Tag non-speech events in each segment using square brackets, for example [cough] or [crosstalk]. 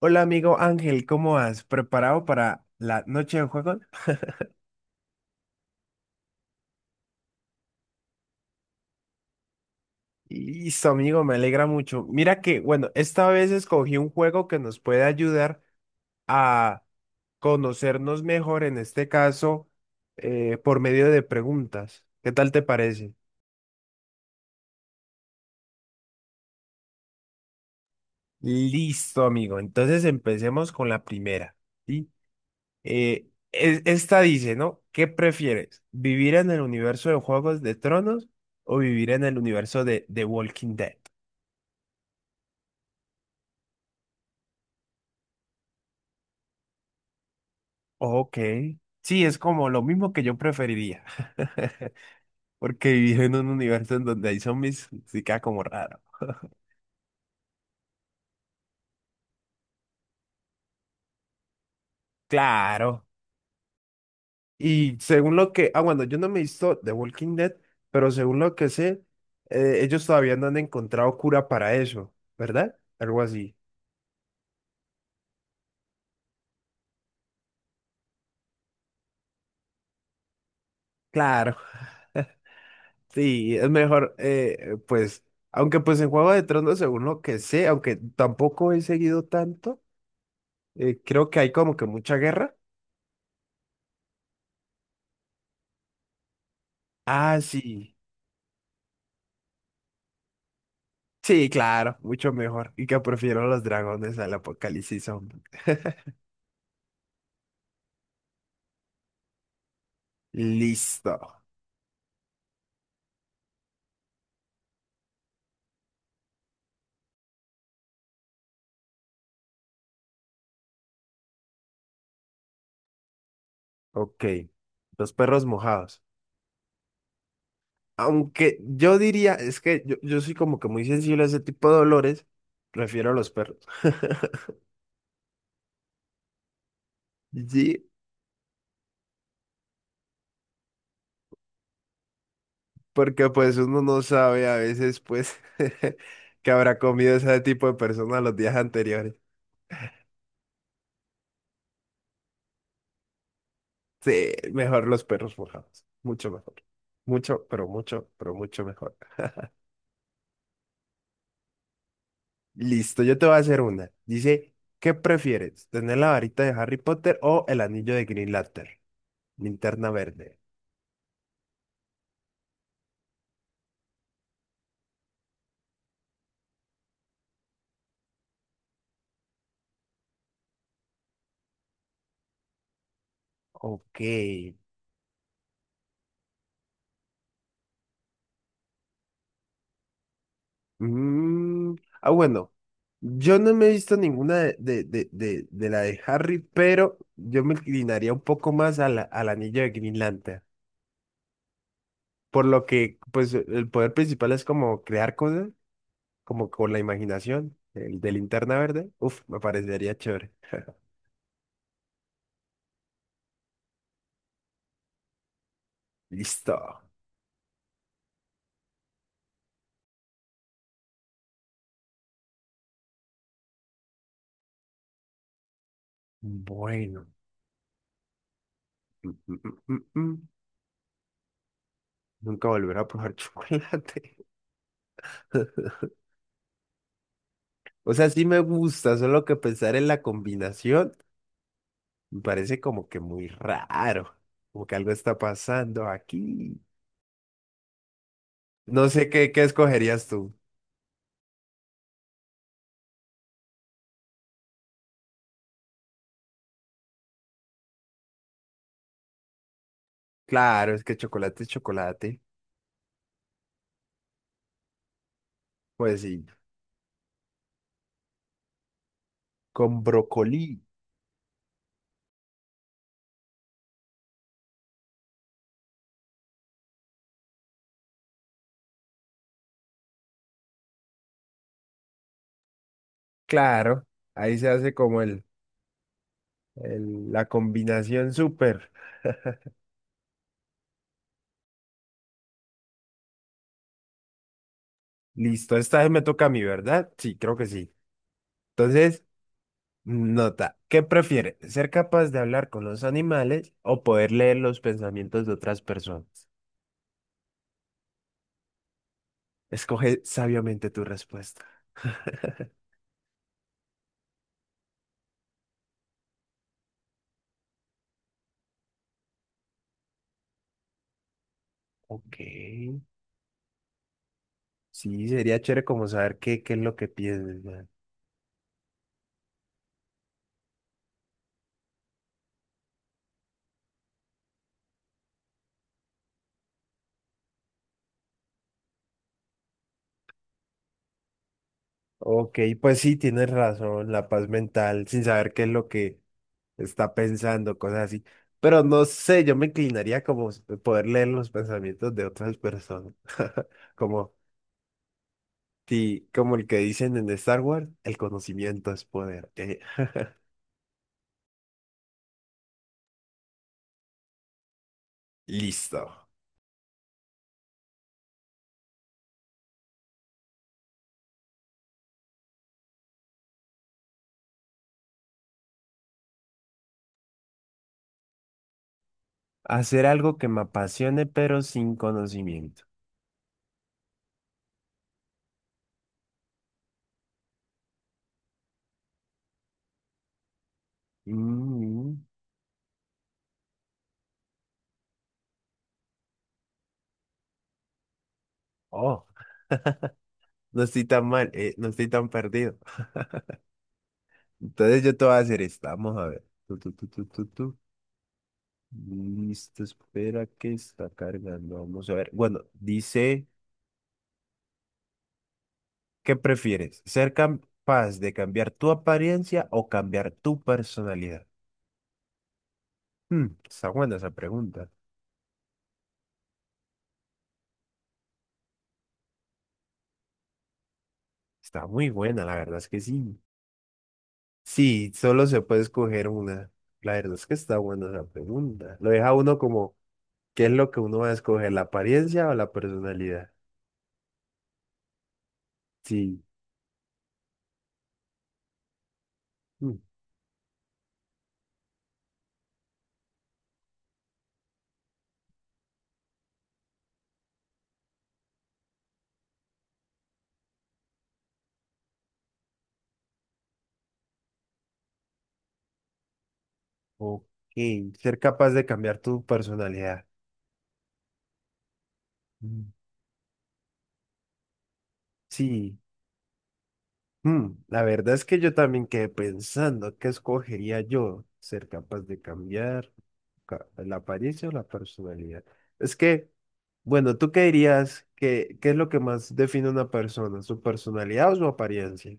Hola amigo Ángel, ¿cómo has preparado para la noche de juego? Listo amigo, me alegra mucho. Mira que, bueno, esta vez escogí un juego que nos puede ayudar a conocernos mejor, en este caso, por medio de preguntas. ¿Qué tal te parece? Listo amigo, entonces empecemos con la primera. ¿Sí? Esta dice, ¿no? ¿Qué prefieres? ¿Vivir en el universo de Juegos de Tronos o vivir en el universo de The Walking Dead? Ok. Sí, es como lo mismo que yo preferiría. [laughs] Porque vivir en un universo en donde hay zombies sí queda como raro. Claro. Y según lo que. Ah, bueno, yo no me he visto The Walking Dead, pero según lo que sé, ellos todavía no han encontrado cura para eso, ¿verdad? Algo así. Claro. [laughs] Sí, es mejor, pues. Aunque, pues en Juego de Tronos, según lo que sé, aunque tampoco he seguido tanto, creo que hay como que mucha guerra. Ah, sí. Sí, claro, mucho mejor. Y que prefiero los dragones al apocalipsis zombie. Listo. Ok. Los perros mojados. Aunque yo diría, es que yo soy como que muy sensible a ese tipo de dolores, prefiero a los perros. [laughs] Sí, porque pues uno no sabe a veces pues [laughs] que habrá comido ese tipo de persona los días anteriores. Sí, mejor los perros mojados. Mucho mejor. Mucho, pero mucho, pero mucho mejor. Listo, yo te voy a hacer una. Dice, ¿qué prefieres? ¿Tener la varita de Harry Potter o el anillo de Green Lantern? Linterna verde. Ok. Mm, Ah, bueno. Yo no me he visto ninguna de, de la de Harry, pero yo me inclinaría un poco más a al anillo de Green Lantern. Por lo que, pues, el poder principal es como crear cosas, como con la imaginación. El de Linterna verde. Uf, me parecería chévere. [laughs] Listo. Bueno. Mm, mm, mm, mm, mm. Nunca volver a probar [laughs] chocolate. O sea, sí me gusta, solo que pensar en la combinación me parece como que muy raro, como que algo está pasando aquí. No sé qué, qué escogerías tú. Claro, es que chocolate es chocolate. Pues sí, con brócoli. Claro, ahí se hace como la combinación súper. [laughs] Listo, esta vez me toca a mí, ¿verdad? Sí, creo que sí. Entonces, nota, ¿qué prefiere? ¿Ser capaz de hablar con los animales o poder leer los pensamientos de otras personas? Escoge sabiamente tu respuesta. Ok, sí, sería chévere como saber qué, qué es lo que piensas, man. Ok, pues sí, tienes razón, la paz mental, sin saber qué es lo que está pensando, cosas así. Pero no sé, yo me inclinaría poder leer los pensamientos de otras personas, como, como el que dicen en Star Wars, el conocimiento es poder. Listo. Hacer algo que me apasione, pero sin conocimiento. Mm, oh, no estoy tan mal, no estoy tan perdido. Entonces yo te voy a hacer esta. Vamos a ver. Tu, tu, tu, tu, tu, tu. Listo, espera que está cargando. Vamos a ver. Bueno, dice, ¿qué prefieres? ¿Ser capaz de cambiar tu apariencia o cambiar tu personalidad? Está buena esa pregunta. Está muy buena, la verdad es que sí. Sí, solo se puede escoger una. La verdad es que está buena esa pregunta. Lo deja uno como, ¿qué es lo que uno va a escoger? ¿La apariencia o la personalidad? Sí. mm, Ok. Ser capaz de cambiar tu personalidad. Mm, Sí. La verdad es que yo también quedé pensando, ¿qué escogería yo? ¿Ser capaz de cambiar la apariencia o la personalidad? Es que, bueno, ¿tú qué dirías? ¿Qué, qué es lo que más define a una persona? ¿Su personalidad o su apariencia?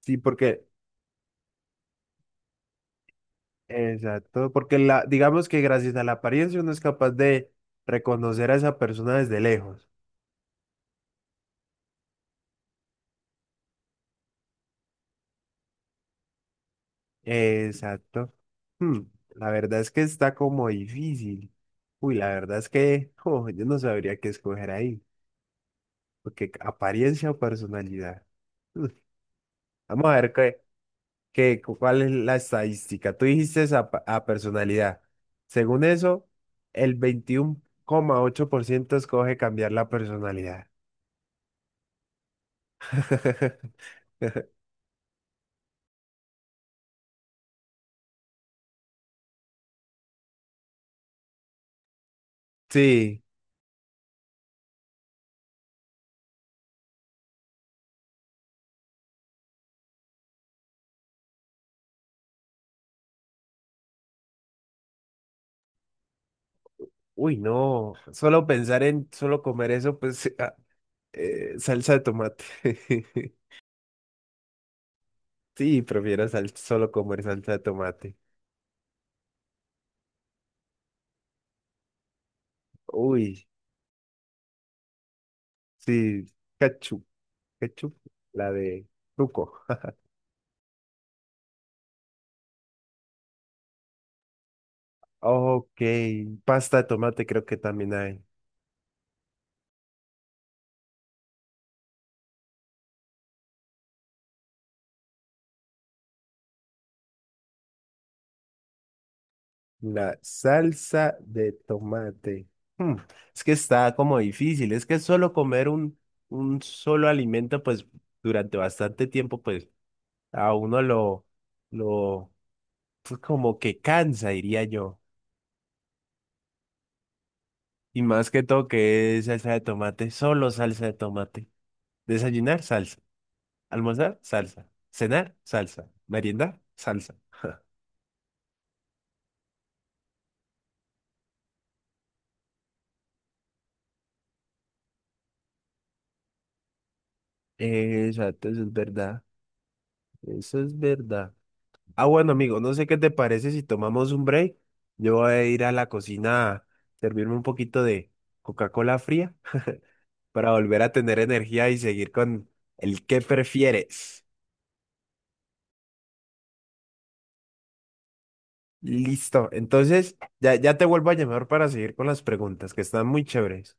Sí, porque, exacto, porque la, digamos que gracias a la apariencia uno es capaz de reconocer a esa persona desde lejos. Exacto. Hmm, la verdad es que está como difícil. Uy, la verdad es que [laughs] oh, yo no sabría qué escoger ahí, porque apariencia o personalidad. Hmm, Vamos a ver qué, cuál es la estadística. Tú dijiste a personalidad. Según eso, el 21,8% escoge cambiar la personalidad. [laughs] [laughs] Sí, uy, no, solo pensar en solo comer eso, pues [laughs] ah, salsa de tomate. [laughs] Sí, prefiero solo comer salsa de tomate. Uy, sí, ketchup, ketchup, la de truco. [laughs] Ok, pasta de tomate creo que también hay. La salsa de tomate. Hmm, Es que está como difícil, es que solo comer un solo alimento, pues durante bastante tiempo, pues. A uno lo, pues, como que cansa, diría yo. Y más que todo que es salsa de tomate, solo salsa de tomate. Desayunar, salsa. Almorzar, salsa. Cenar, salsa. Meriendar, salsa. [laughs] Exacto, eso es verdad. Eso es verdad. Ah, bueno, amigo, no sé qué te parece si tomamos un break. Yo voy a ir a la cocina a servirme un poquito de Coca-Cola fría [laughs] para volver a tener energía y seguir con el que prefieres. Listo. Entonces, ya te vuelvo a llamar para seguir con las preguntas, que están muy chéveres.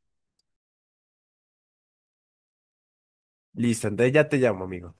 Listo, entonces ya te llamo, amigo.